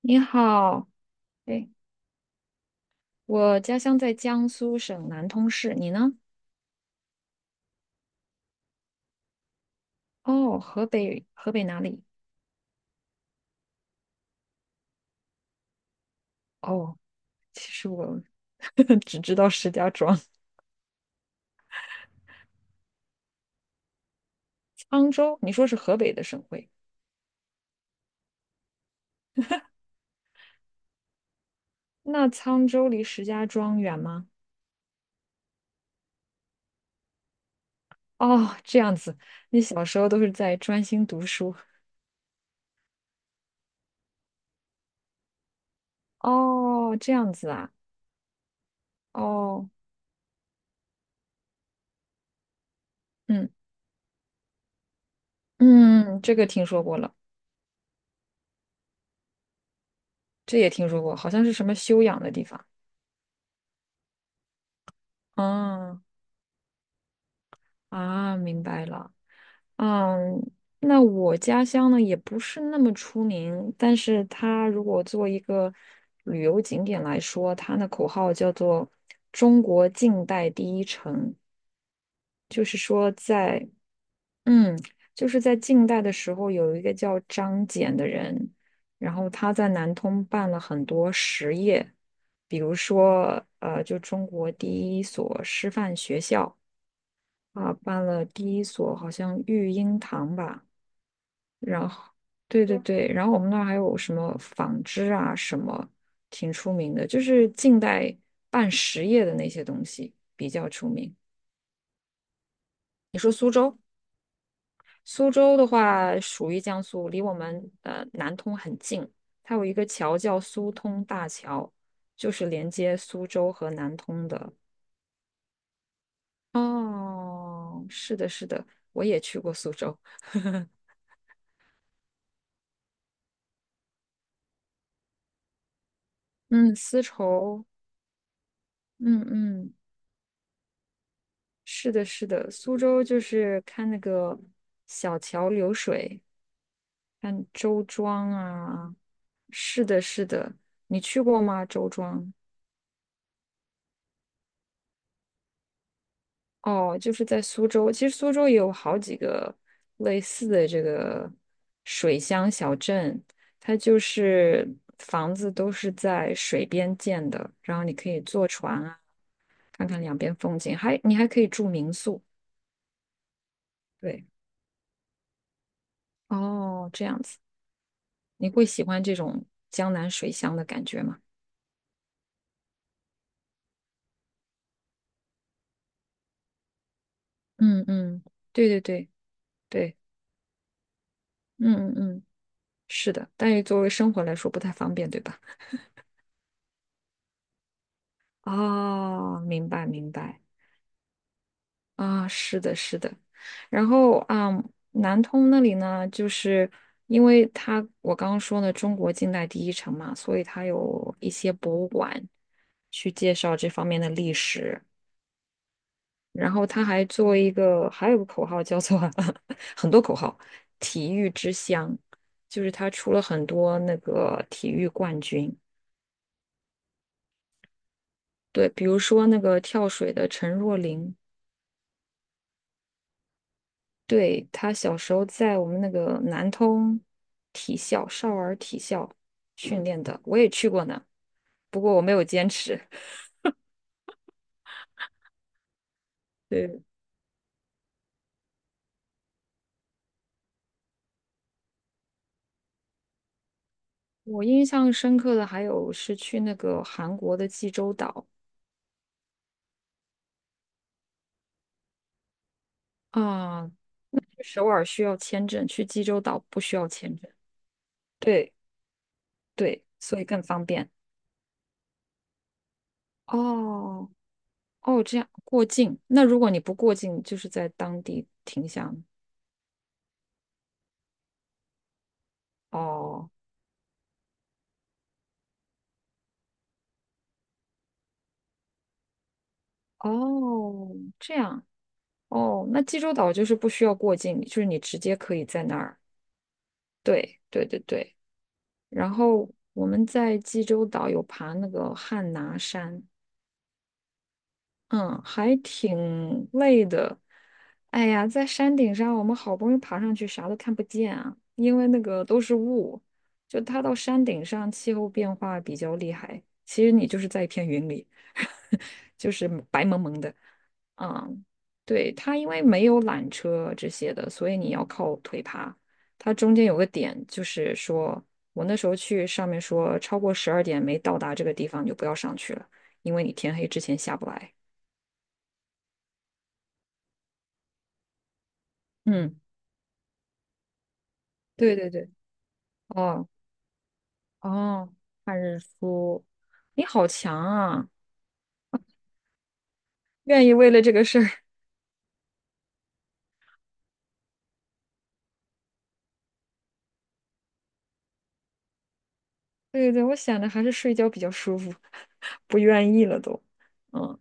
你好。哎，我家乡在江苏省南通市，你呢？哦，河北，河北哪里？哦，其实我 只知道石家庄、沧州。你说是河北的省会，那沧州离石家庄远吗？哦，这样子，你小时候都是在专心读书。哦，这样子啊。哦，嗯嗯，这个听说过了，这也听说过，好像是什么修养的地方。嗯啊，明白了。嗯，那我家乡呢也不是那么出名，但是它如果做一个旅游景点来说，它的口号叫做“中国近代第一城”，就是说在嗯，就是在近代的时候，有一个叫张謇的人，然后他在南通办了很多实业，比如说就中国第一所师范学校啊，办了第一所好像育婴堂吧。然后，对对对，然后我们那儿还有什么纺织啊，什么挺出名的，就是近代办实业的那些东西比较出名。你说苏州，苏州的话属于江苏，离我们南通很近，它有一个桥叫苏通大桥，就是连接苏州和南通的。哦，是的，是的，我也去过苏州。嗯，丝绸，嗯嗯。是的，是的，苏州就是看那个小桥流水，看周庄啊。是的，是的，你去过吗？周庄？哦，就是在苏州。其实苏州也有好几个类似的这个水乡小镇，它就是房子都是在水边建的，然后你可以坐船啊，看看两边风景，还你还可以住民宿。对，哦，这样子。你会喜欢这种江南水乡的感觉吗？嗯嗯，对对对对，嗯嗯嗯，是的，但是作为生活来说不太方便，对吧？哦，明白明白啊，是的，是的。然后啊，南通那里呢，就是因为它我刚刚说呢，中国近代第一城嘛，所以它有一些博物馆去介绍这方面的历史，然后他还做一个，还有个口号叫做 很多口号，体育之乡，就是他出了很多那个体育冠军。对，比如说那个跳水的陈若琳，对，他小时候在我们那个南通体校少儿体校训练的，我也去过呢，不过我没有坚持。对，我印象深刻的还有是去那个韩国的济州岛啊，去首尔需要签证，去济州岛不需要签证。对对，所以更方便。哦哦，这样过境。那如果你不过境，就是在当地停下吗？哦哦，这样哦，那济州岛就是不需要过境，就是你直接可以在那儿。对对对对。然后我们在济州岛有爬那个汉拿山，嗯，还挺累的。哎呀，在山顶上，我们好不容易爬上去，啥都看不见啊，因为那个都是雾。就它到山顶上，气候变化比较厉害。其实你就是在一片云里，就是白蒙蒙的。嗯，对，它因为没有缆车这些的，所以你要靠腿爬。它中间有个点，就是说我那时候去上面说，超过12点没到达这个地方，你就不要上去了，因为你天黑之前下不来。嗯，对对对，哦哦，看日出，你好强啊！愿意为了这个事儿，对对对，我想着还是睡觉比较舒服，不愿意了都。嗯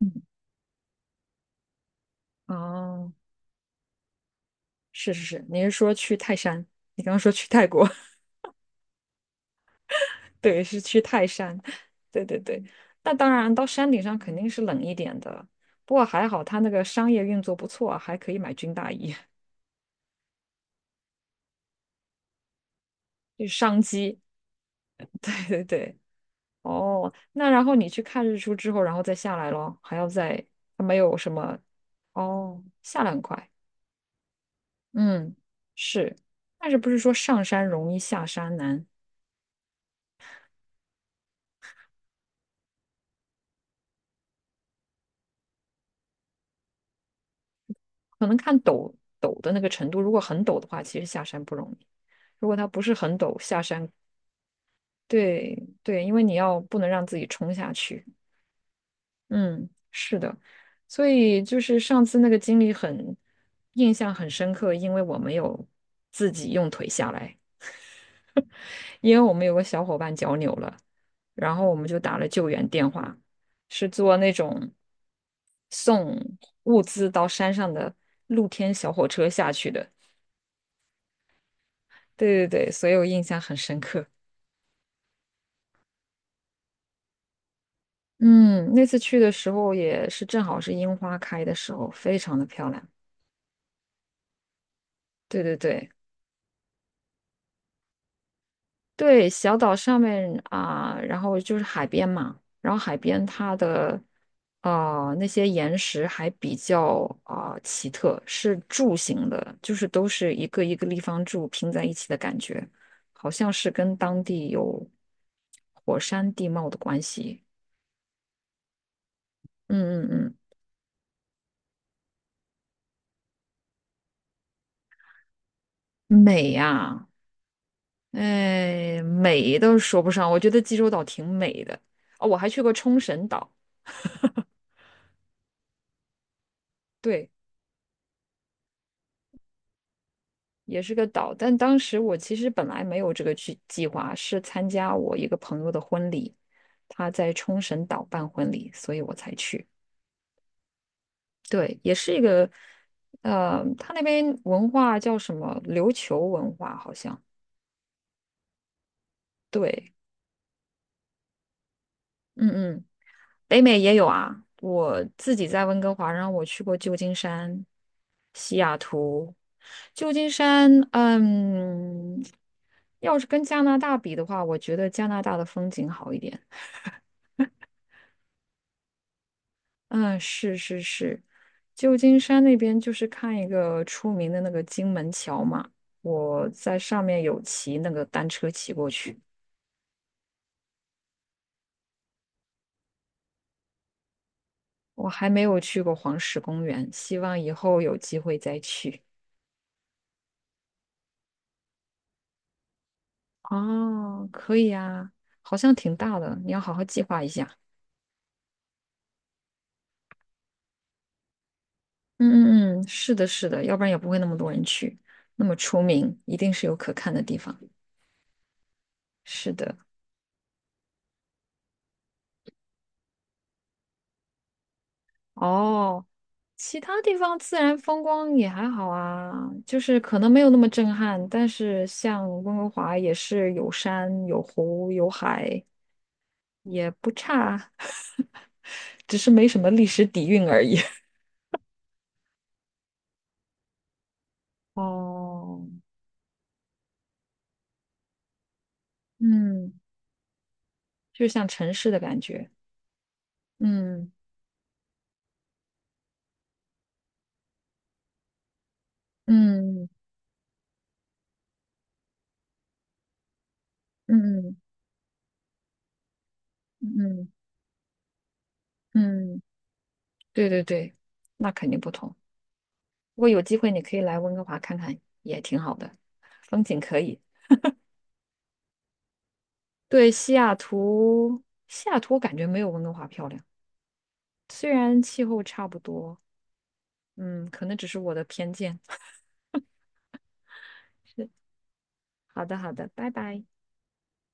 嗯，哦，是是是，你是说去泰山？你刚刚说去泰国，对，是去泰山，对对对。那当然，到山顶上肯定是冷一点的，不过还好他那个商业运作不错，还可以买军大衣，就是商机。对对对。哦，那然后你去看日出之后，然后再下来咯，还要再，它没有什么，哦，下来很快，嗯，是，但是不是说上山容易下山难？可能看陡的那个程度，如果很陡的话，其实下山不容易；如果它不是很陡，下山，对对，因为你要不能让自己冲下去，嗯，是的，所以就是上次那个经历很印象很深刻，因为我没有自己用腿下来。因为我们有个小伙伴脚扭了，然后我们就打了救援电话，是坐那种送物资到山上的露天小火车下去的。对对对，所以我印象很深刻。嗯，那次去的时候也是正好是樱花开的时候，非常的漂亮。对对对。对，小岛上面啊、然后就是海边嘛，然后海边它的那些岩石还比较啊、奇特，是柱形的，就是都是一个一个立方柱拼在一起的感觉，好像是跟当地有火山地貌的关系。嗯嗯嗯，美呀、哎，美都说不上，我觉得济州岛挺美的。哦，我还去过冲绳岛，对，也是个岛。但当时我其实本来没有这个计划，是参加我一个朋友的婚礼，他在冲绳岛办婚礼，所以我才去。对，也是一个，他那边文化叫什么？琉球文化好像。对，嗯嗯，北美也有啊。我自己在温哥华，然后我去过旧金山、西雅图。旧金山，嗯，要是跟加拿大比的话，我觉得加拿大的风景好一点。嗯，是是是，旧金山那边就是看一个出名的那个金门桥嘛，我在上面有骑那个单车骑过去，我还没有去过黄石公园，希望以后有机会再去。哦，可以啊，好像挺大的，你要好好计划一下。嗯嗯嗯，是的，是的，要不然也不会那么多人去，那么出名，一定是有可看的地方。是的，哦。其他地方自然风光也还好啊，就是可能没有那么震撼，但是像温哥华也是有山有湖有海，也不差，只是没什么历史底蕴而已。哦，嗯，就像城市的感觉，嗯嗯嗯嗯嗯，对对对，那肯定不同。如果有机会，你可以来温哥华看看，也挺好的，风景可以。对，西雅图，西雅图我感觉没有温哥华漂亮，虽然气候差不多，嗯，可能只是我的偏见。好的，好的，拜拜。